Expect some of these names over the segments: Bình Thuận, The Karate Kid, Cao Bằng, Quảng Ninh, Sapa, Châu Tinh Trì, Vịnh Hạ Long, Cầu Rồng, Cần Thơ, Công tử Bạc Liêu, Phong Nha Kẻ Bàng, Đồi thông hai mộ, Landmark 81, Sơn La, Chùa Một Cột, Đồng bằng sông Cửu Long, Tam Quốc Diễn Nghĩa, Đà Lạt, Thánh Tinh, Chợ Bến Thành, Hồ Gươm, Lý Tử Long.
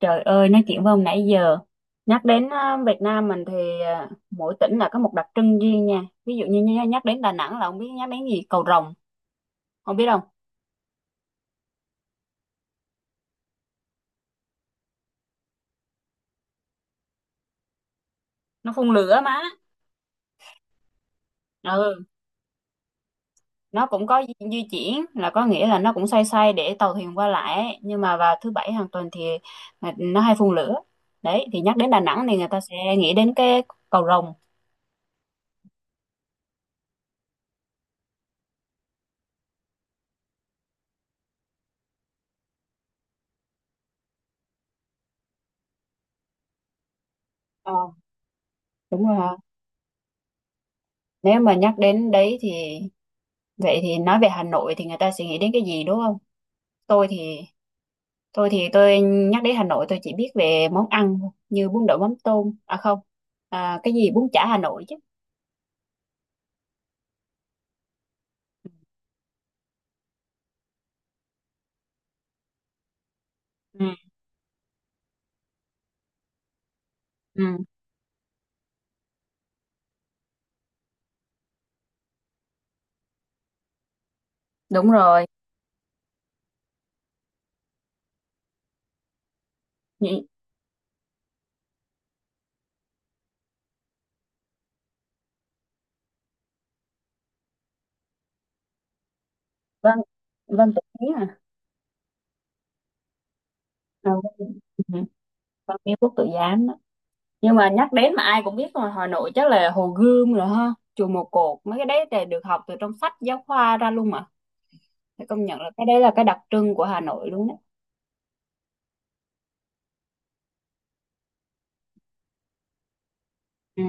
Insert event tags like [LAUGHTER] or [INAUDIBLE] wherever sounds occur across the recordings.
Trời ơi, nói chuyện với ông nãy giờ. Nhắc đến Việt Nam mình thì mỗi tỉnh là có một đặc trưng riêng nha. Ví dụ như nhắc đến Đà Nẵng là ông biết nhắc đến gì? Cầu Rồng. Ông biết không? Nó phun lửa mà. Ừ, nó cũng có di di chuyển, là có nghĩa là nó cũng xoay xoay để tàu thuyền qua lại ấy. Nhưng mà vào thứ bảy hàng tuần thì nó hay phun lửa. Đấy, thì nhắc đến Đà Nẵng thì người ta sẽ nghĩ đến cái cầu Rồng. Ờ, đúng rồi hả? Nếu mà nhắc đến đấy thì vậy thì nói về Hà Nội thì người ta sẽ nghĩ đến cái gì đúng không? Tôi thì Tôi thì tôi nhắc đến Hà Nội tôi chỉ biết về món ăn thôi, như bún đậu mắm tôm, à không, à, cái gì bún chả Hà Nội chứ. Ừ, ừ, đúng rồi. Nhị- Vâng, vâng tự Ý à. À, vâng, vâng, ừ, vâng Ý Quốc Tử Giám đó. Nhưng mà nhắc đến mà ai cũng biết rồi, Hà Nội chắc là Hồ Gươm rồi ha, chùa Một Cột, mấy cái đấy thì được học từ trong sách giáo khoa ra luôn mà. Phải công nhận là cái đấy là cái đặc trưng của Hà Nội luôn đó. Ừ,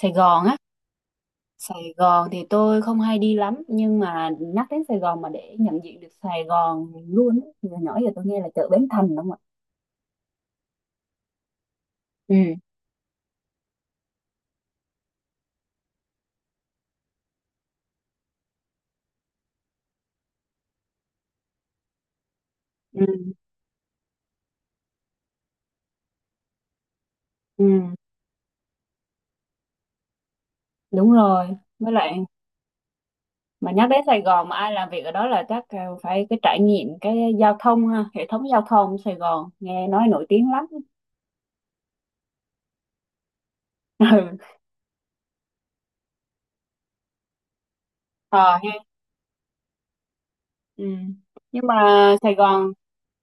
Sài Gòn á. Sài Gòn thì tôi không hay đi lắm nhưng mà nhắc đến Sài Gòn mà để nhận diện được Sài Gòn luôn á, thì hồi nhỏ giờ tôi nghe là chợ Bến Thành đúng không ạ? Ừ, ừ, ừ, đúng rồi. Với lại mà nhắc đến Sài Gòn mà ai làm việc ở đó là chắc phải cái trải nghiệm cái giao thông ha, hệ thống giao thông Sài Gòn nghe nói nổi tiếng lắm. [LAUGHS] Ừ. Ờ, ha. Ừ. Nhưng mà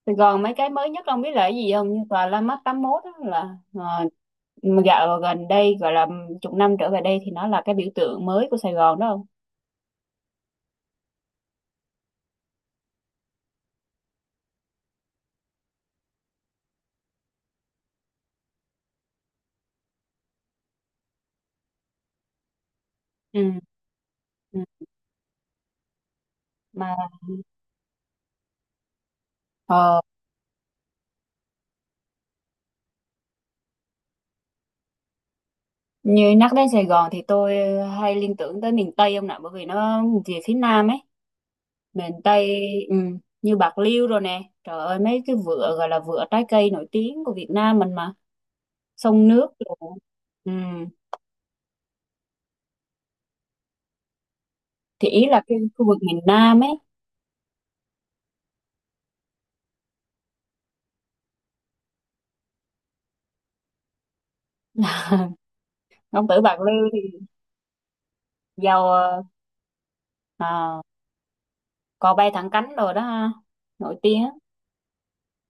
Sài Gòn mấy cái mới nhất ông biết là cái gì không? Như tòa Landmark 81 đó là, dạo gần đây gọi là chục năm trở về đây thì nó là cái biểu tượng mới của Sài Gòn đó không? Ừ. Ừ. Mà ờ, như nhắc đến Sài Gòn thì tôi hay liên tưởng tới miền Tây ông nè, bởi vì nó về phía Nam ấy, miền Tây, ừ, như Bạc Liêu rồi nè, trời ơi, mấy cái vựa gọi là vựa trái cây nổi tiếng của Việt Nam mình mà, sông nước rồi, ừ. Thì ý là cái khu vực miền Nam ấy. Ông tử Bạc Liêu thì giàu, à, cò bay thẳng cánh rồi đó ha, nổi tiếng,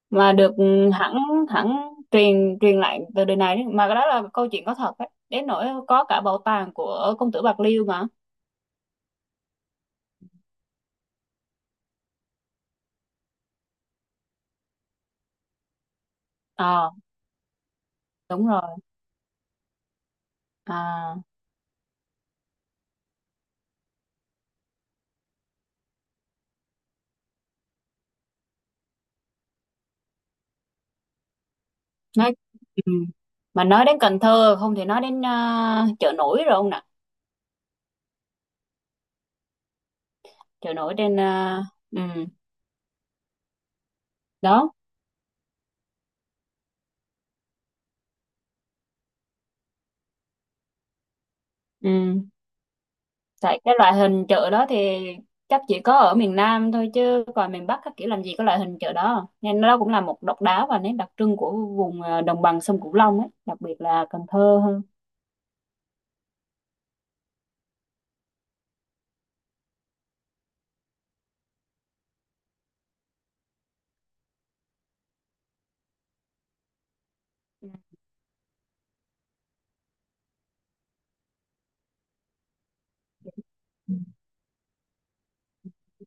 mà được, ừ, hẳn hẳn, truyền truyền lại từ đời này đến- mà cái đó là câu chuyện có thật đấy, đến nỗi có cả bảo tàng của công tử Bạc Liêu mà. Ờ, đúng rồi. À, nói, ừ. Mà nói đến Cần Thơ không thể nói đến chợ nổi rồi ông nè. Chợ nổi trên, à, ừ, đó, ừ. Tại cái loại hình chợ đó thì chắc chỉ có ở miền Nam thôi chứ còn miền Bắc các kiểu làm gì có loại hình chợ đó, nên nó cũng là một độc đáo và nét đặc trưng của vùng, đồng bằng sông Cửu Long ấy, đặc biệt là Cần Thơ hơn.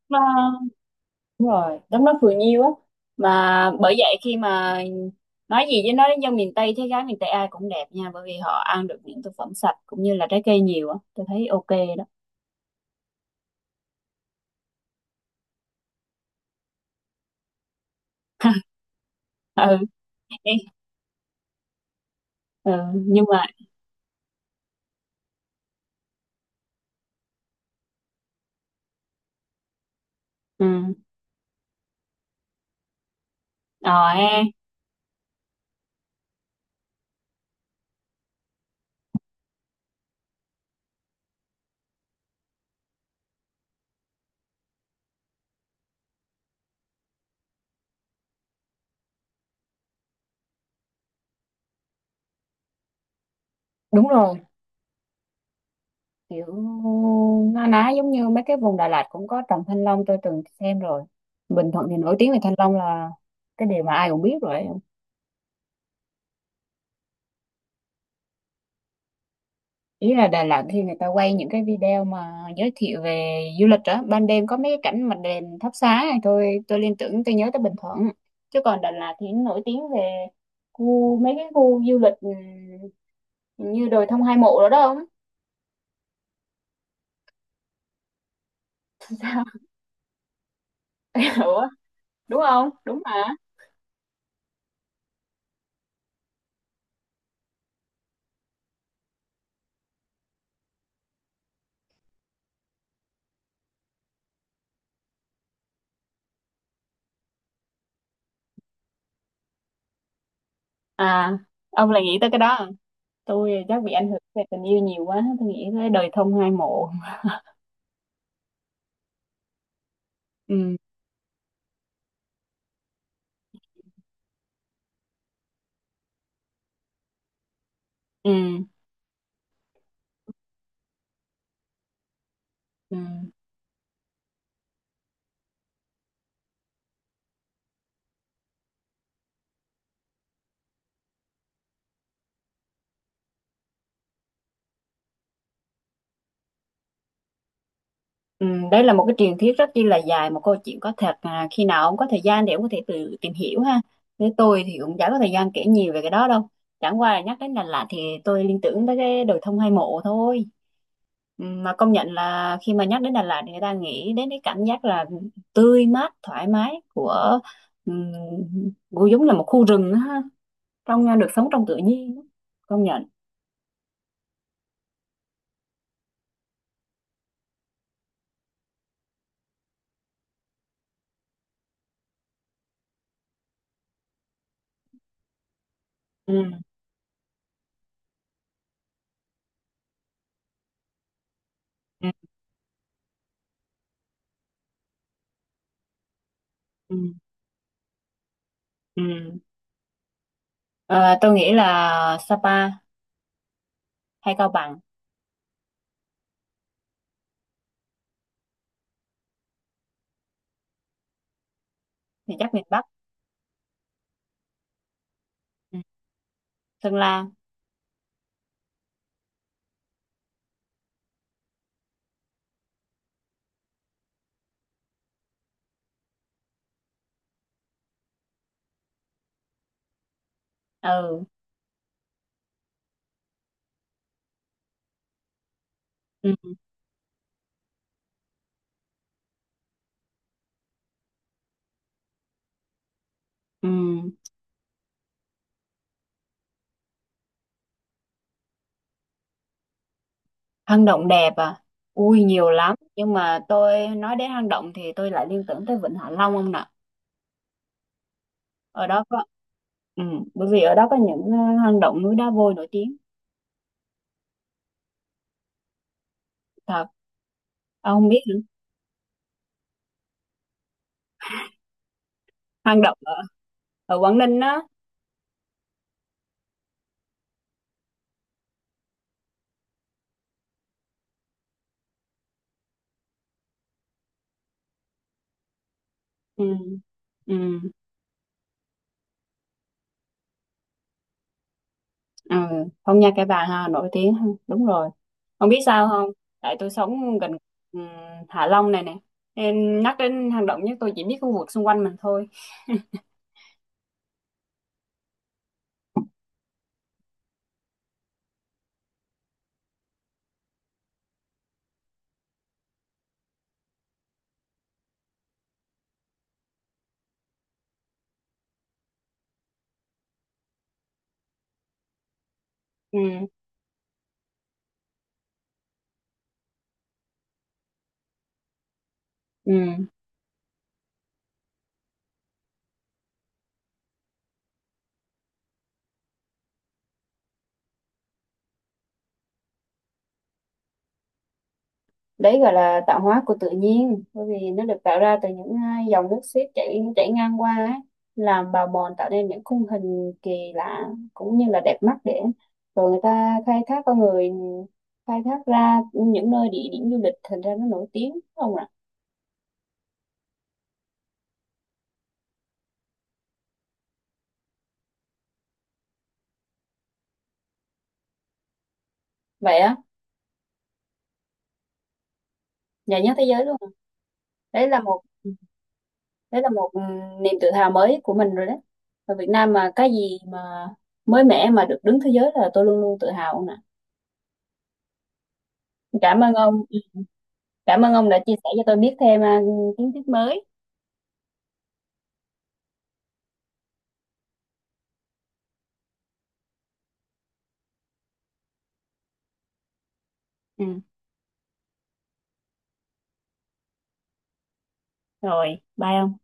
Nó đúng rồi, đúng, nó cười nhiêu á. Mà bởi vậy khi mà nói gì với nói đến dân miền Tây, thấy gái miền Tây ai cũng đẹp nha, bởi vì họ ăn được những thực phẩm sạch cũng như là trái cây nhiều á, tôi thấy ok đó. [LAUGHS] Ừ, ừ, nhưng mà ừ. Ờ ha. Đúng rồi. Kiểu na ná giống như mấy cái vùng Đà Lạt cũng có trồng thanh long, tôi từng xem rồi. Bình Thuận thì nổi tiếng về thanh long là cái điều mà ai cũng biết rồi. Ý là Đà Lạt khi người ta quay những cái video mà giới thiệu về du lịch đó, ban đêm có mấy cái cảnh mà đèn thắp sáng này, thôi tôi liên tưởng tôi nhớ tới Bình Thuận, chứ còn Đà Lạt thì nổi tiếng về khu, mấy cái khu du lịch, như đồi thông hai mộ đó đó không? [LAUGHS] Sao? Ủa, đúng không, đúng mà. À, ông là nghĩ tới cái đó à? Tôi chắc bị ảnh hưởng về tình yêu nhiều quá, tôi nghĩ tới đời thông hai mộ. Ừ, ừ, ừ. Ừ, đây là một cái truyền thuyết rất chi là dài, một câu chuyện có thật, khi nào ông có thời gian để ông có thể tự tìm hiểu ha, với tôi thì cũng chả có thời gian kể nhiều về cái đó đâu, chẳng qua là nhắc đến Đà Lạt thì tôi liên tưởng tới cái đồi thông hai mộ thôi. Ừ, mà công nhận là khi mà nhắc đến Đà Lạt thì người ta nghĩ đến cái cảm giác là tươi mát thoải mái của, um, của giống là một khu rừng á ha, trong, được sống trong tự nhiên, công nhận. Ừ, ừ, ừ, ừ. Ờ, tôi nghĩ là Sapa hay Cao Bằng, thì chắc miền Bắc. Ừ. Sơn La. Ừ. Ừ. Ừ. Hang động đẹp à? Ui nhiều lắm, nhưng mà tôi nói đến hang động thì tôi lại liên tưởng tới Vịnh Hạ Long ông nè. Ở đó có, ừ, bởi vì ở đó có những hang động núi đá vôi nổi tiếng. Thật. Ông không biết hả? Hang động ở, ở Quảng Ninh đó. Ừ, ừ, ừ. Phong Nha Kẻ Bàng ha, nổi tiếng ha. Đúng rồi. Ông biết sao không, tại tôi sống gần, ừ, Hạ Long này nè, nên nhắc đến hang động nhất tôi chỉ biết khu vực xung quanh mình thôi. Ừ, ừ. Đấy gọi là tạo hóa của tự nhiên, bởi vì nó được tạo ra từ những dòng nước xiết chảy chảy ngang qua ấy, làm bào mòn tạo nên những khung hình kỳ lạ cũng như là đẹp mắt, để rồi người ta khai thác, con người khai thác ra những nơi địa điểm du lịch, thành ra nó nổi tiếng đúng không ạ. Vậy á? Nhà nhất thế giới luôn à? đấy là một Đấy là một, niềm tự hào mới của mình rồi đấy. Ở Việt Nam mà cái gì mà mới mẻ mà được đứng thế giới là tôi luôn luôn tự hào nè. Cảm ơn ông. Cảm ơn ông đã chia sẻ cho tôi biết thêm, kiến thức mới. Ừ, rồi, bye ông.